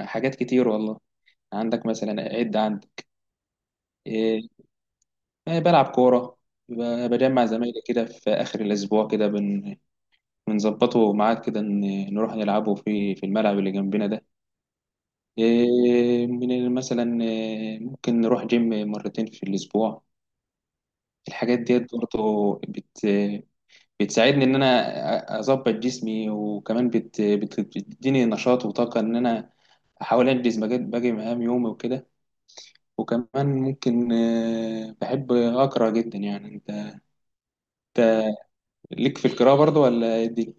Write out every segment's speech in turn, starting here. حاجات كتير والله. عندك مثلا عد عندي. إيه، يعني بلعب كورة. بجمع زمايلي كده في آخر الأسبوع كده بنظبطه ميعاد كده إن نروح نلعبه في الملعب اللي جنبنا ده. إيه مثلا إيه، ممكن نروح جيم مرتين في الأسبوع. الحاجات ديت برضه بتساعدني إن أنا أظبط جسمي، وكمان بتديني نشاط وطاقة إن أنا أحاول أنجز باقي مهام يومي وكده. وكمان ممكن، بحب أقرأ جدا. يعني أنت ليك في القراءة برضه ولا إيه الدنيا؟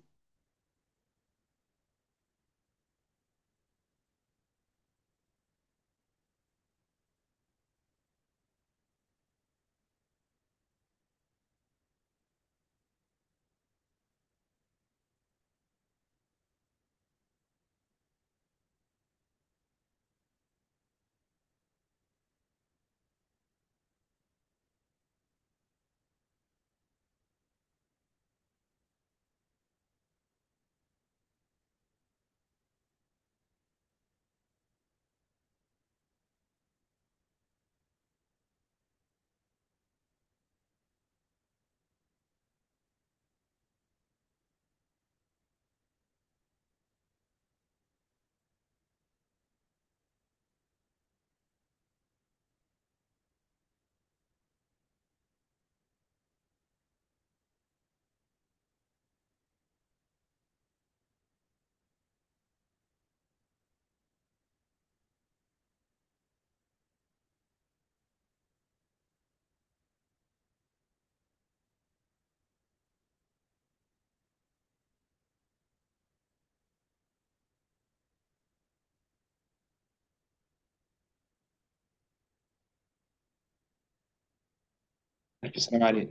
ألف سلام عليك.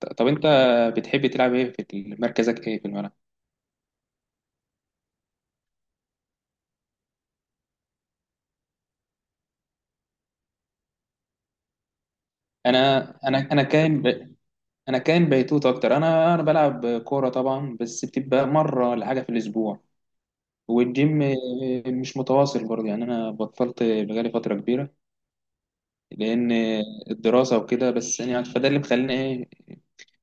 طب أنت بتحب تلعب إيه؟ في مركزك إيه في الملعب؟ أنا. أنا أنا كائن ب... أنا كائن بيتوت أكتر. أنا بلعب كورة طبعا، بس بتبقى مرة ولا حاجة في الأسبوع. والجيم مش متواصل برضه، يعني أنا بطلت بقالي فترة كبيرة لأن الدراسة وكده. بس يعني فده اللي مخليني إيه،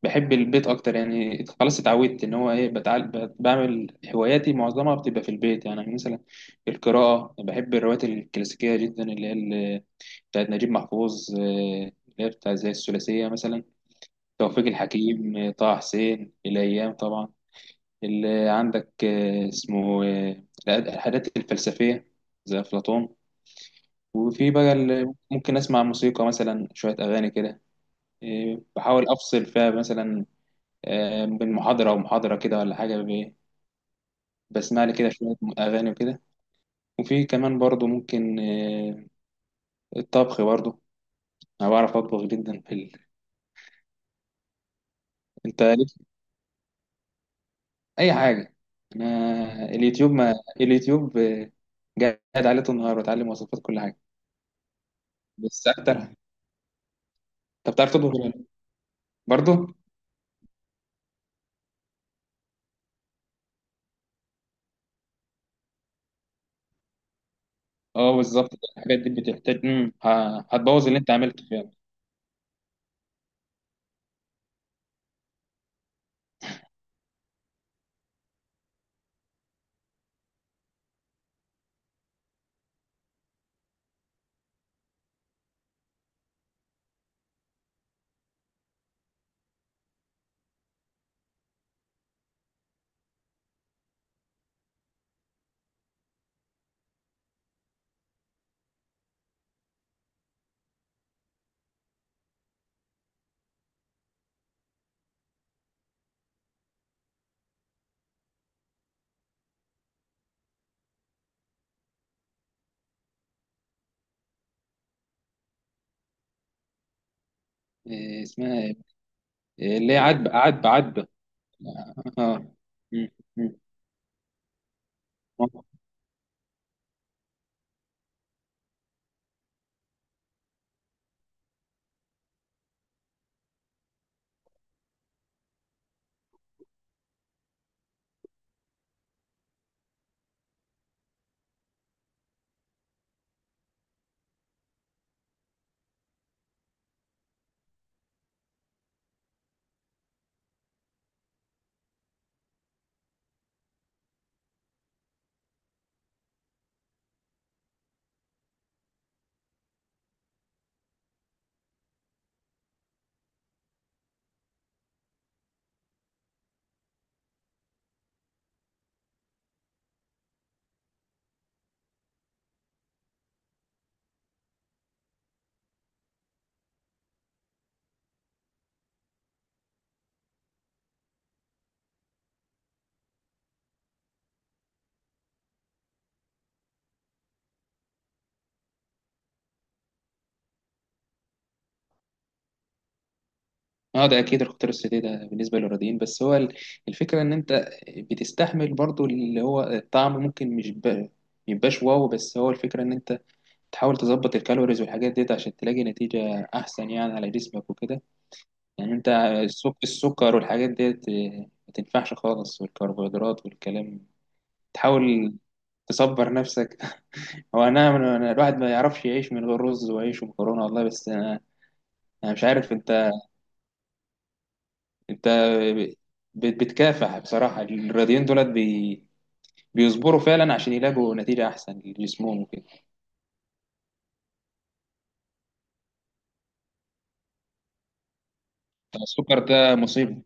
بحب البيت أكتر. يعني خلاص اتعودت إن هو إيه، بتعال بعمل هواياتي معظمها بتبقى في البيت. يعني مثلا القراءة، بحب الروايات الكلاسيكية جدا اللي هي بتاعت نجيب محفوظ، اللي هي بتاع زي الثلاثية مثلا، توفيق الحكيم، طه حسين الأيام طبعا، اللي عندك آه، اسمه آه، الحاجات الفلسفية زي أفلاطون. وفي بقى ممكن أسمع موسيقى، مثلا شوية أغاني كده. إيه، بحاول افصل فيها مثلا بين محاضره ومحاضره كده ولا حاجه، بسمع لي كده شويه اغاني وكده. وفي كمان برضو ممكن الطبخ برضو. انا بعرف اطبخ جدا في ال... انت ليك اي حاجه. انا اليوتيوب، ما اليوتيوب قاعد عليه طول النهار بتعلم وصفات كل حاجه. بس اكتر انت بتعرف تطبخ ولا لأ؟ برضو. اه بالظبط، الحاجات دي بتحتاج هتبوظ اللي انت عملته فيها. إيه اسمها إيه؟ اللي هي عدبة عدبة عدبة. اه، آه. مم. مم. اه، ده اكيد الخطر السيتي ده بالنسبه للرياضيين. بس هو الفكره ان انت بتستحمل برضو اللي هو الطعم، ممكن مش ب- ميبقاش واو. بس هو الفكره ان انت تحاول تظبط الكالوريز والحاجات ديت عشان تلاقي نتيجه احسن يعني على جسمك وكده. يعني انت السكر والحاجات ديت ما تنفعش خالص، والكربوهيدرات والكلام. تحاول تصبر نفسك هو انا الواحد ما يعرفش يعيش من غير رز وعيش ومكرونه والله. بس انا مش عارف. انت بتكافح بصراحة. الرياضيين دولت بي... بيصبروا فعلا عشان يلاقوا نتيجة أحسن لجسمهم وكده. طب السكر ده مصيبة.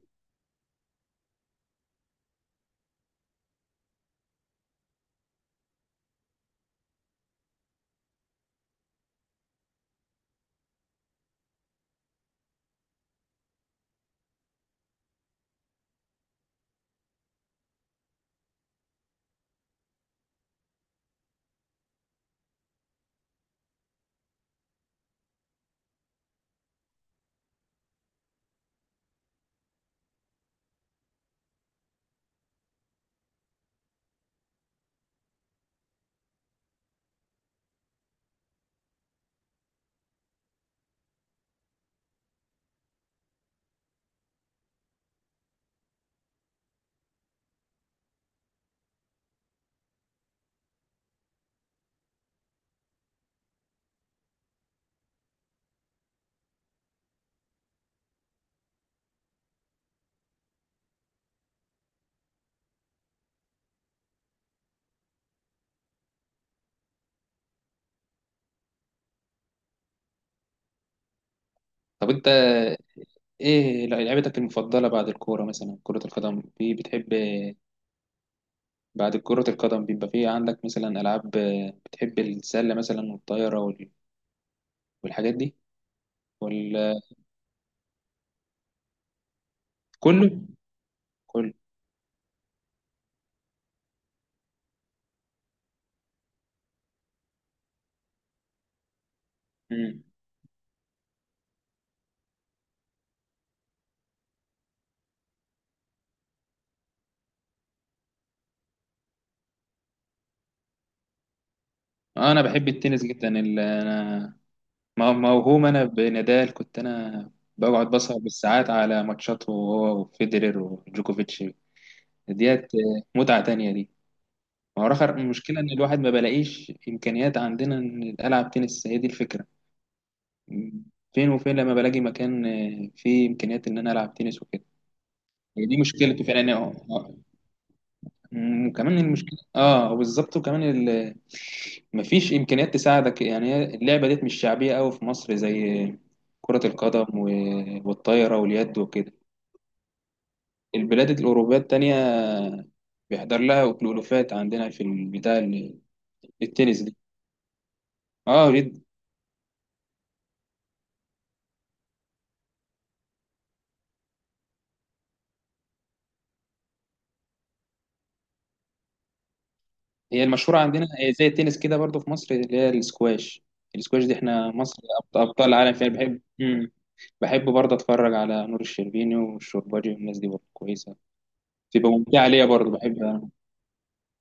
طب أنت إيه لعبتك المفضلة بعد الكورة؟ مثلا كرة القدم، في بتحب بعد كرة القدم؟ بيبقى في عندك مثلا ألعاب بتحب، السلة مثلا والطايرة وال... والحاجات دي، ولا كله كله؟ مم. أنا بحب التنس جدا ال... أنا موهوم انا بنادال، كنت انا بقعد بسهر بالساعات على ماتشاته هو وفيدرر وجوكوفيتش. ديت متعة تانية دي. ما هو اخر المشكلة ان الواحد ما بلاقيش امكانيات عندنا ان العب تنس، هي دي الفكرة. فين وفين لما بلاقي مكان فيه امكانيات ان انا العب تنس وكده. هي دي مشكلته فعلا، يعني وكمان المشكله. اه بالظبط، وكمان ال... مفيش امكانيات تساعدك. يعني هي اللعبه ديت مش شعبيه قوي في مصر زي كره القدم والطايره واليد وكده، البلاد الاوروبيه التانية بيحضر لها كلوفات عندنا في البتاع التنس دي. اه جدا. هي المشهوره عندنا هي زي التنس كده برضو في مصر اللي هي السكواش. السكواش دي احنا مصر ابطال العالم فيها. بحب. مم. بحب برضه اتفرج على نور الشربيني والشرباجي والناس دي برضه كويسه. تبقى ممتعة ليا برضه بحبها أنا.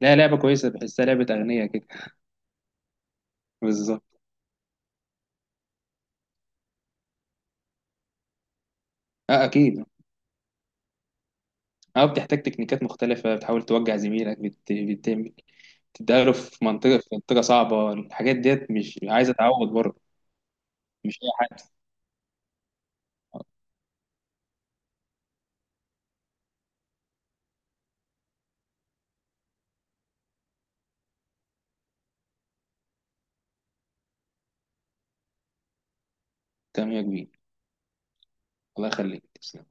لا، لعبة كويسة، بحسها لعبة أغنية كده. بالظبط. اه أكيد. اه، بتحتاج تكنيكات مختلفة، بتحاول توجع زميلك، بت... بتعمل تداله في منطقة صعبة. الحاجات ديت مش عايزة تعود برضه، مش أي حد. آه، تمام يا كبير. الله يخليك، تسلم.